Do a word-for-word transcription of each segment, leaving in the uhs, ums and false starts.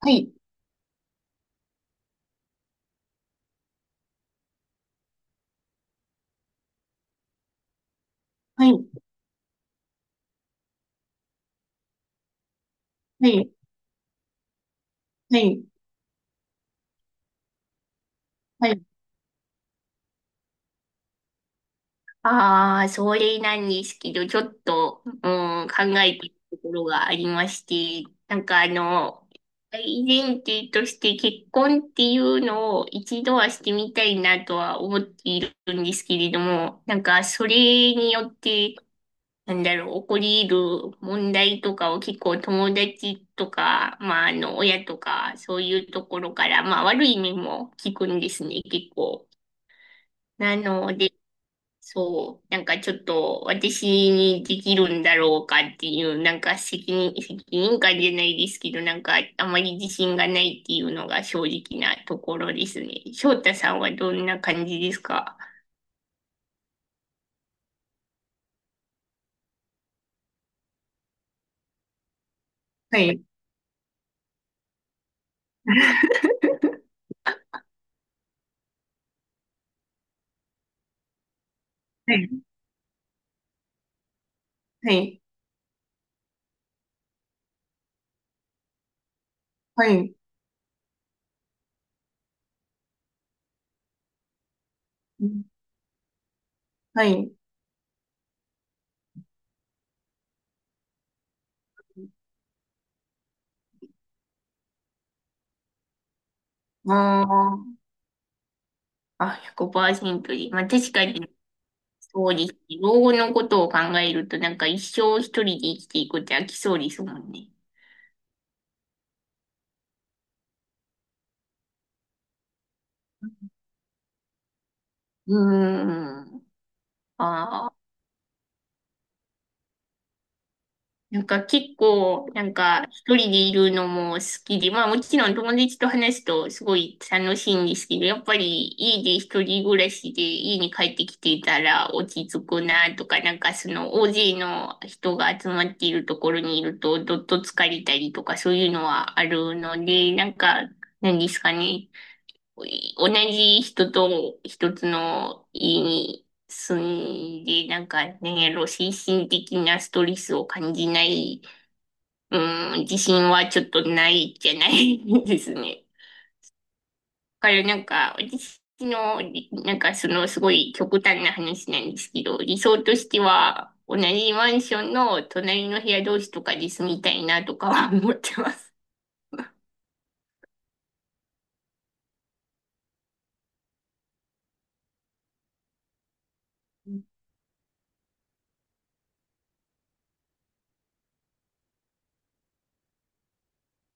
はい、はい、はい、はい、はい。ああ、それなんですけど、ちょっと、うん、考えているところがありまして、なんかあの、大前提として結婚っていうのを一度はしてみたいなとは思っているんですけれども、なんかそれによって、なんだろう、起こり得る問題とかを結構友達とか、まああの、親とか、そういうところから、まあ悪い面も聞くんですね、結構。なので、そう、なんかちょっと私にできるんだろうかっていう、なんか責任、責任感じゃないですけど、なんかあまり自信がないっていうのが正直なところですね。翔太さんはどんな感じですか？はい、はい、はい、はい、はい。ああ、あ、ひゃくパーセントで。まあ確かに、そうです。老後のことを考えると、なんか一生一人で生きていくって飽きそうですもんね。うーん。あ。なんか結構、なんか一人でいるのも好きで、まあもちろん友達と話すとすごい楽しいんですけど、やっぱり家で一人暮らしで家に帰ってきてたら落ち着くなとか、なんかその大勢の人が集まっているところにいるとどっと疲れたりとかそういうのはあるので、なんか何ですかね、同じ人と一つの家に住んで、なんか、ね、やろ、精神的なストレスを感じないうーん、自信はちょっとないじゃないですね。だからなんか、私の、なんかそのすごい極端な話なんですけど、理想としては、同じマンションの隣の部屋同士とかで住みたいなとかは思ってます。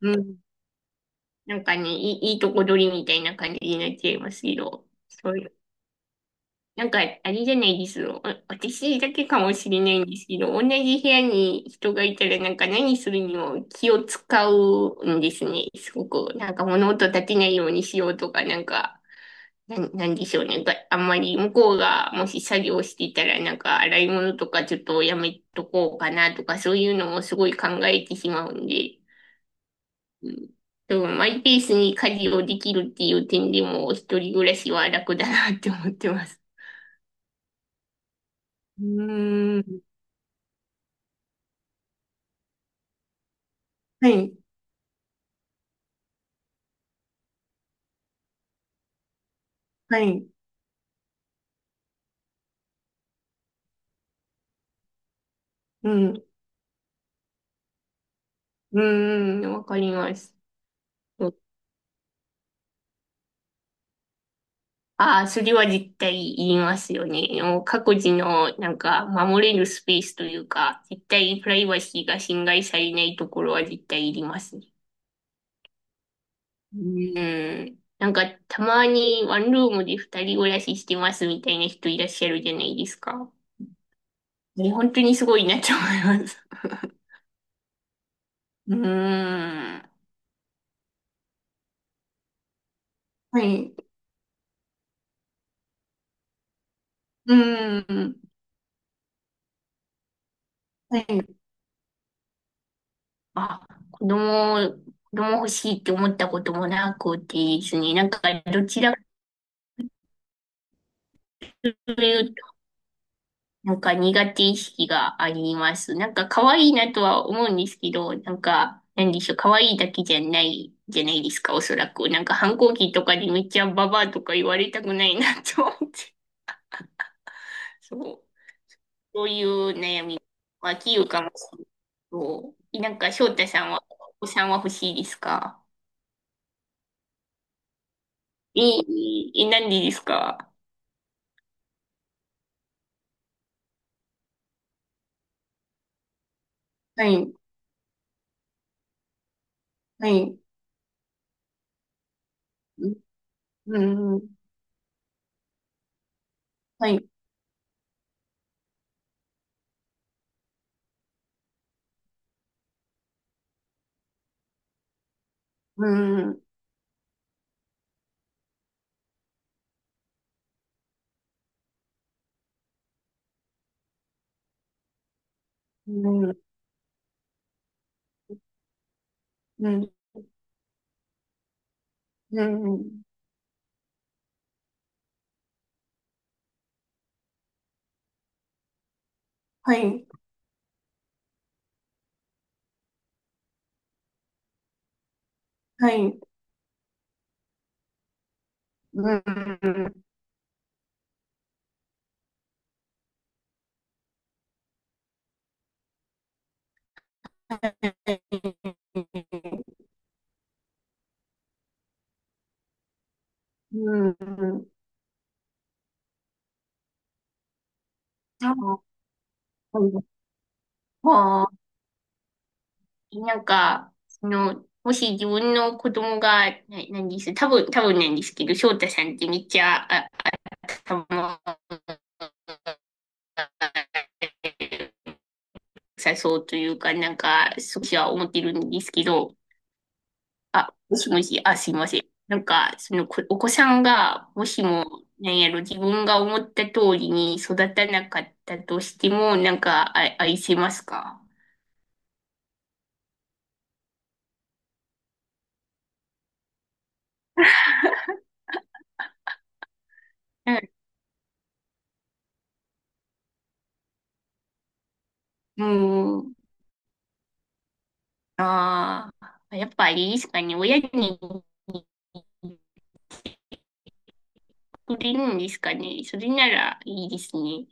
うん。なんかね、いい、いいとこ取りみたいな感じになっちゃいますけど、そうなんか、あれじゃないですよ。あ私だけかもしれないんですけど、同じ部屋に人がいたら、なんか何するにも気を使うんですね。すごく。なんか物音立てないようにしようとか、なんか、なん、なんでしょうね。があんまり向こうがもし作業していたら、なんか洗い物とかちょっとやめとこうかなとか、そういうのもすごい考えてしまうんで。うんでもマイペースに家事をできるっていう点でも、一人暮らしは楽だなって思ってます。うーん。はい、はい、うん、うーん、うんわかります。ああそれは絶対言いますよね。もう各自の、なんか、守れるスペースというか、絶対プライバシーが侵害されないところは絶対いりますね。うん。なんか、たまにワンルームで二人暮らししてますみたいな人いらっしゃるじゃないですか。ね、本当にすごいなと思います。うーん。はい。うーん。はい。あ、子供、子供欲しいって思ったこともなくてですね、なんかどちらかというと、なんか苦手意識があります。なんか可愛いなとは思うんですけど、なんか、なんでしょう、可愛いだけじゃないじゃないですか、おそらく。なんか反抗期とかでめっちゃババアとか言われたくないなと思って。そう、そういう悩み。まあ、器用かもしれない。そう。なんか翔太さんは、お子さんは欲しいですか？ええ、え、なんでですか？はい。はい。うん、うん、はい、うん、うん、うん、うん、はい、はい、うん、はい、うん、あ、はい、あ、なんか、その、もし自分の子供が、な、なんです、多分、多分なんですけど、翔太さんってめっちゃ、あ、頭が良さそうというか、なんか、少しは思ってるんですけど、あ、もしもし、あ、すいません。なんか、そのこ、お子さんが、もしも、なんやろ、自分が思った通りに育たなかったとしても、なんか、あ、愛せますか？うん。うーん。ああ、やっぱあれですかね。親にくれるんですかね。それならいいですね。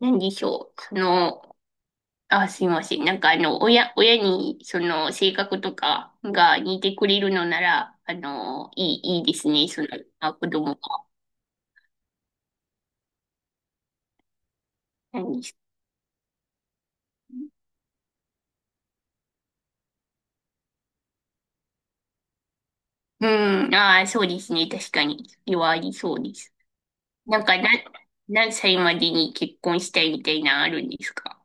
なんでしょう。その、あ、すいません。なんかあの、親、親に、その、性格とかが似てくれるのなら、あの、いい、いいですね。その、あ、子供が。何ですねうん、ああ、そうですね。確かに。それはありそうです。なんか、な、何歳までに結婚したいみたいなのあるんですか？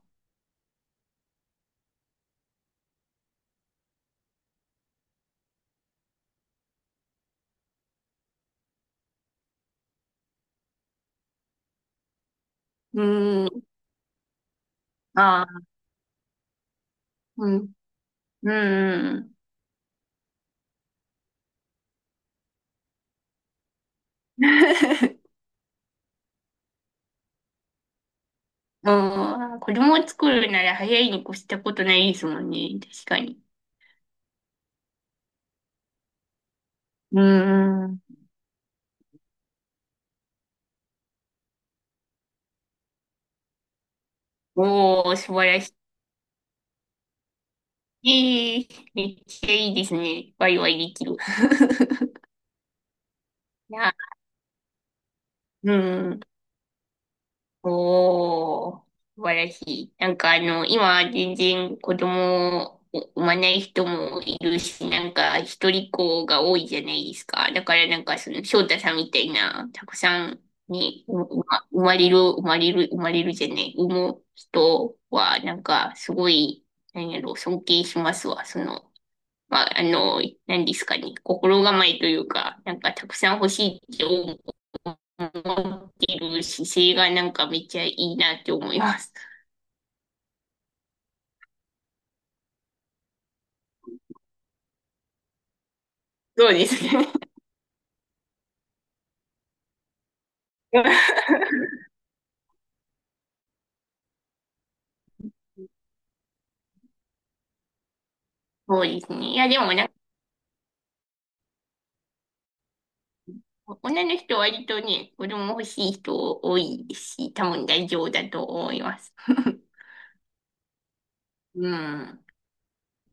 うん、ああ、うん、うん、うん。うん、子供を作るなら早いに越したことないですもんね。確かに。うん。おー、素晴らしい。ええめっちゃいいですね。ワイワイできる。いや、うん。おー、素晴らしい。なんかあの、今全然子供を産まない人もいるし、なんか一人っ子が多いじゃないですか。だからなんかその翔太さんみたいな、たくさんね、ううま生まれる、生まれる、生まれるじゃない、産む人はなんかすごい、なんやろ、尊敬しますわ、その。まあ、あの、何ですかね、心構えというか、なんかたくさん欲しいって思ってる姿勢がなんかめっちゃいいなって思います。そうですね。そうですね。いや、でもなんか、女の人は割とね、子供欲しい人多いですし、多分大丈夫だと思います。うん。